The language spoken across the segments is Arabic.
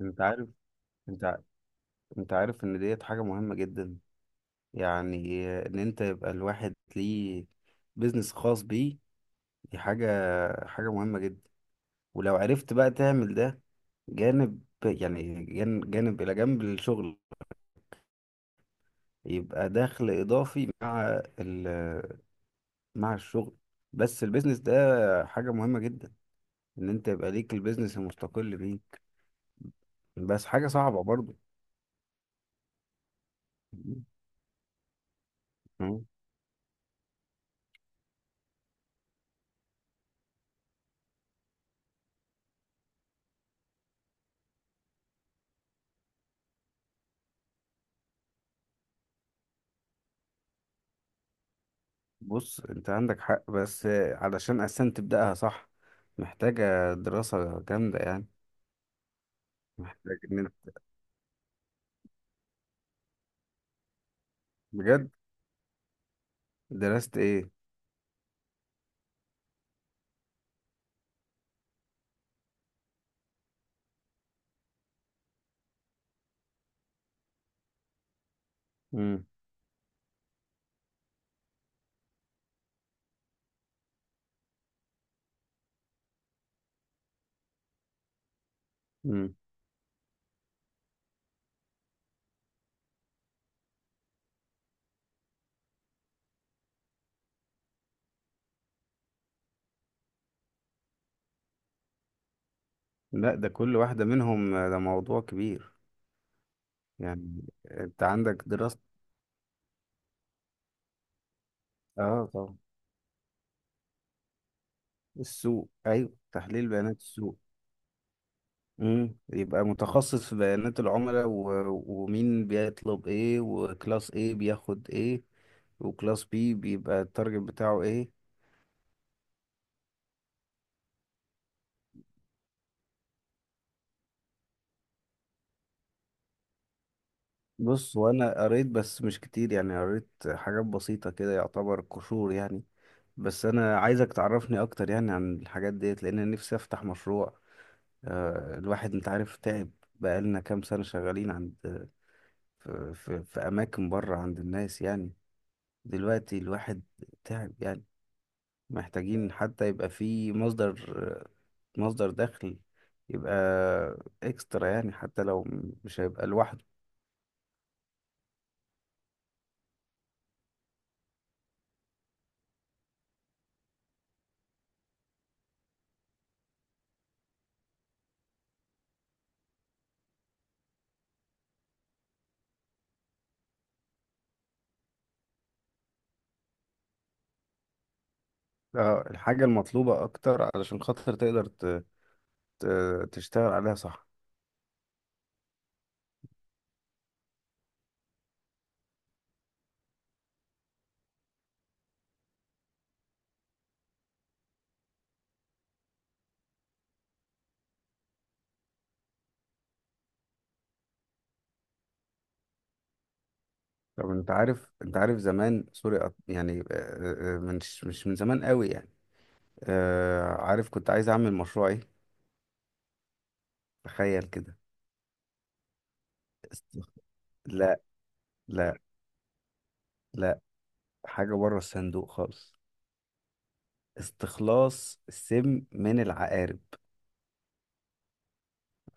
انت عارف انت ع- انت عارف ان ديت حاجة مهمة جدا. يعني ان انت يبقى الواحد ليه بيزنس خاص بيه. دي حاجة مهمة جدا. ولو عرفت بقى تعمل ده جانب الى جنب الشغل، يبقى دخل اضافي مع الشغل. بس البيزنس ده حاجة مهمة جدا، ان انت يبقى ليك البيزنس المستقل بيه. بس حاجة صعبة برضو. بص، انت عندك حق، بس علشان اساسا تبداها صح محتاجه دراسه جامده يعني. محتاج ان انت- بجد درست ايه؟ امم. امم. لا، ده كل واحده منهم ده موضوع كبير. يعني انت عندك دراسه. اه طبعا، السوق، ايوه، تحليل بيانات السوق. يبقى متخصص في بيانات العملاء و، ومين بيطلب ايه، وكلاس ايه بياخد ايه، وكلاس بي بيبقى التارجت بتاعه ايه. بص، وانا قريت بس مش كتير، يعني قريت حاجات بسيطة كده يعتبر قشور يعني. بس انا عايزك تعرفني اكتر يعني عن الحاجات ديت، لان أنا نفسي افتح مشروع. الواحد انت عارف تعب، بقالنا كام سنة شغالين عند في اماكن بره عند الناس يعني. دلوقتي الواحد تعب يعني. محتاجين حتى يبقى في مصدر دخل يبقى اكسترا يعني، حتى لو مش هيبقى لوحده. اه، الحاجة المطلوبة أكتر علشان خاطر تقدر تشتغل عليها صح. طب أنت عارف زمان، سوري، يعني مش من زمان قوي يعني. عارف كنت عايز أعمل مشروع إيه؟ تخيل كده. است- لا، لا، لا، حاجة بره الصندوق خالص. استخلاص السم من العقارب.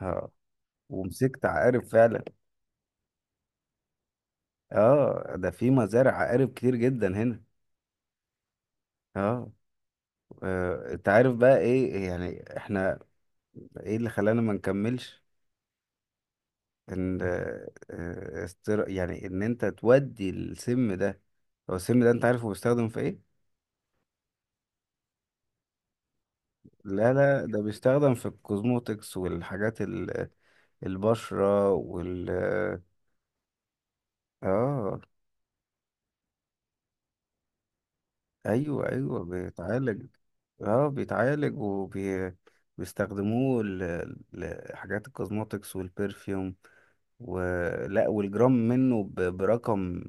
اه. ومسكت عقارب فعلا. اه. ده في مزارع عقارب كتير جدا هنا. اه. انت عارف بقى ايه، يعني احنا ايه اللي خلانا ما نكملش؟ ان يعني ان انت تودي السم ده. هو السم ده انت عارفه بيستخدم في ايه؟ لا، لا، ده بيستخدم في الكوزموتكس والحاجات البشرة اه. ايوه، ايوه بيتعالج. اه، بيتعالج وبيستخدموه لحاجات الكوزموتكس والبرفيوم. ولا والجرام منه برقم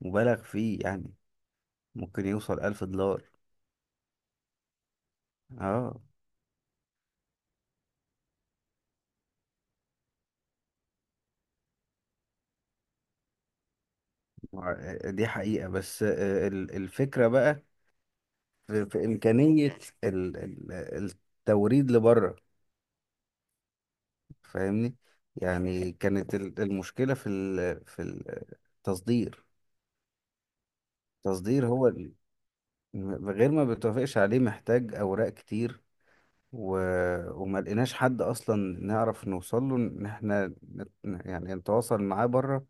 مبالغ فيه يعني، ممكن يوصل 1000 دولار. اه. دي حقيقة، بس الفكرة بقى، في إمكانية ال- ال- التوريد لبره. فاهمني؟ يعني كانت المشكلة في في التصدير. التصدير هو غير ما بتوافقش عليه، محتاج أوراق كتير، و... وما لقيناش حد أصلا نعرف نوصل له، إن إحنا يعني نتواصل معاه بره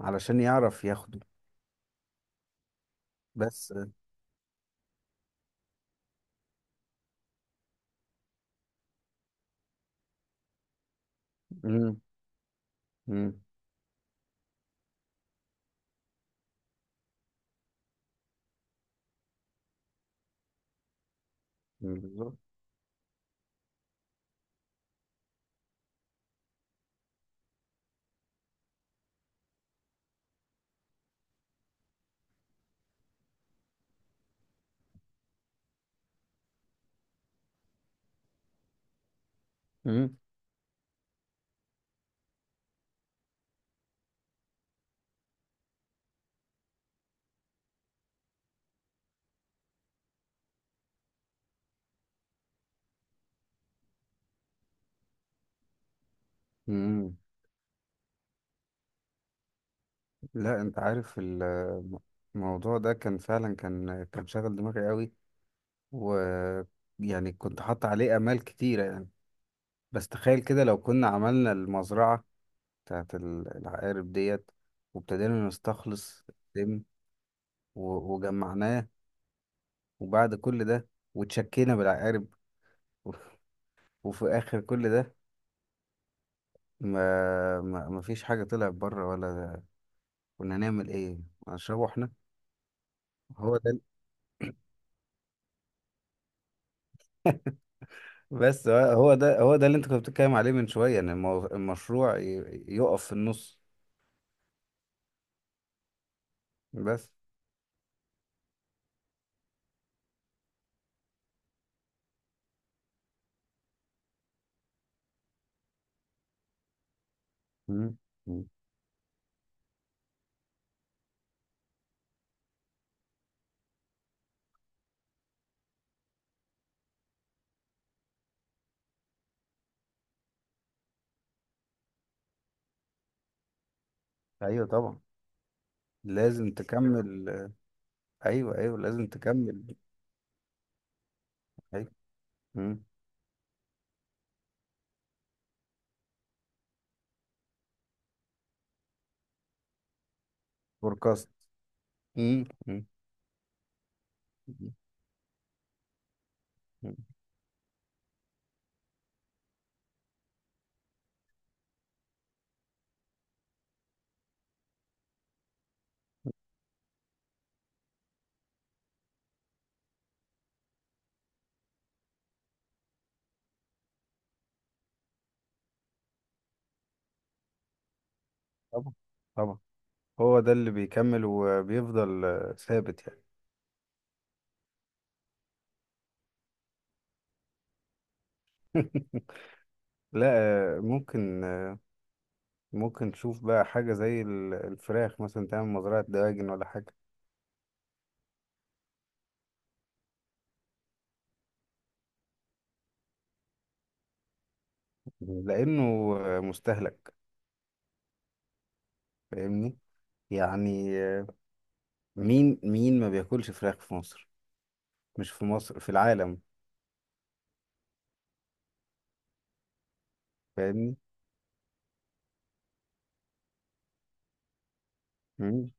علشان يعرف ياخده. بس. مم. مم. بالظبط. مم. مم. لا، انت عارف الموضوع ده كان فعلا، كان شاغل دماغي قوي. ويعني كنت حاطط عليه امال كتيره يعني. بس تخيل كده لو كنا عملنا المزرعه بتاعت العقارب ديت، وابتدينا نستخلص الدم، وجمعناه، وبعد كل ده، وتشكينا بالعقارب. وفي اخر كل ده ما فيش حاجه طلعت بره، ولا كنا نعمل ايه، هنشربه احنا؟ هو ده. بس هو ده اللي انت كنت بتتكلم عليه من شوية، ان المشروع يقف في النص. بس. مم. مم. ايوه طبعا، لازم تكمل. ايوه، ايوه لازم تكمل. ايوه. مم. فوركاست. مم. مم. مم. طبعا، طبعا، هو ده اللي بيكمل وبيفضل ثابت يعني. لا، ممكن، ممكن تشوف بقى حاجة زي الفراخ مثلا، تعمل مزرعة دواجن ولا حاجة. لأنه مستهلك. فاهمني؟ يعني مين مين ما بياكلش فراخ في مصر؟ مش في مصر، في العالم. فاهمني؟ مم.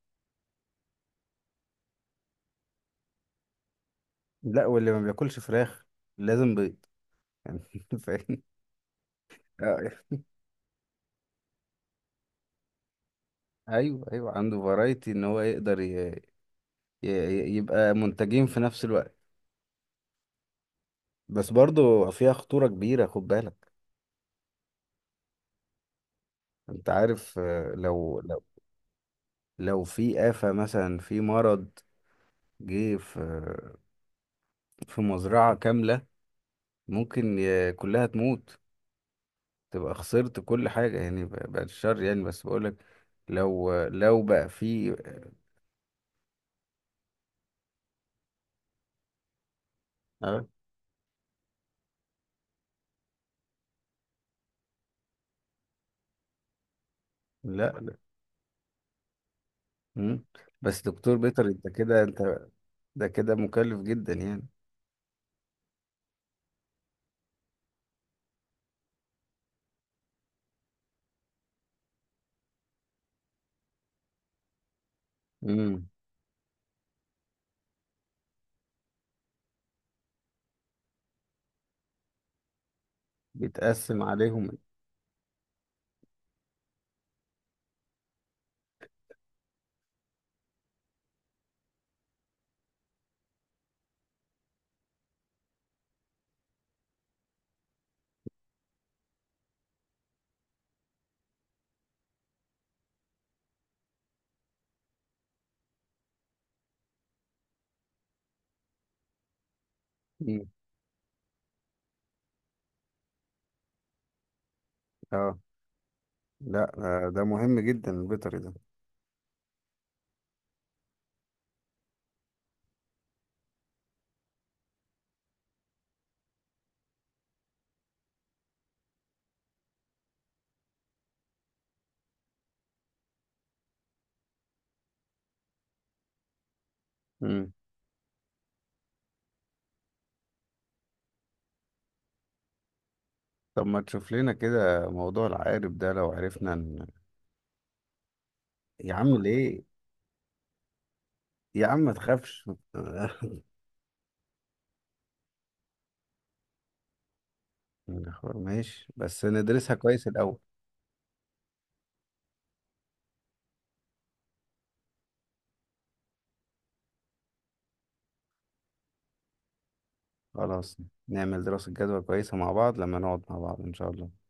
لا، واللي ما بياكلش فراخ لازم بيض. فاهمني؟ آه، ايوه، ايوه عنده فرايتي ان هو يقدر يبقى منتجين في نفس الوقت. بس برضو فيها خطورة كبيرة، خد بالك. انت عارف، لو لو في آفة مثلا، في مرض جه في مزرعة كاملة، ممكن كلها تموت. تبقى خسرت كل حاجة يعني، بعد الشر يعني، بس بقولك لو بقى في. أه. لا، لا. مم. بس دكتور بيتر، انت كده، انت ده كده مكلف جدا يعني. مم. بيتقسم عليهم. مم. اه. لا، ده مهم جدا البيطري ده. مم. طب ما تشوف لنا كده موضوع العقارب ده، لو عرفنا ان... يا عم ليه؟ يا عم ما تخافش. ماشي بس ندرسها كويس الأول. خلاص، نعمل دراسة جدوى كويسة مع بعض لما نقعد مع بعض إن شاء الله.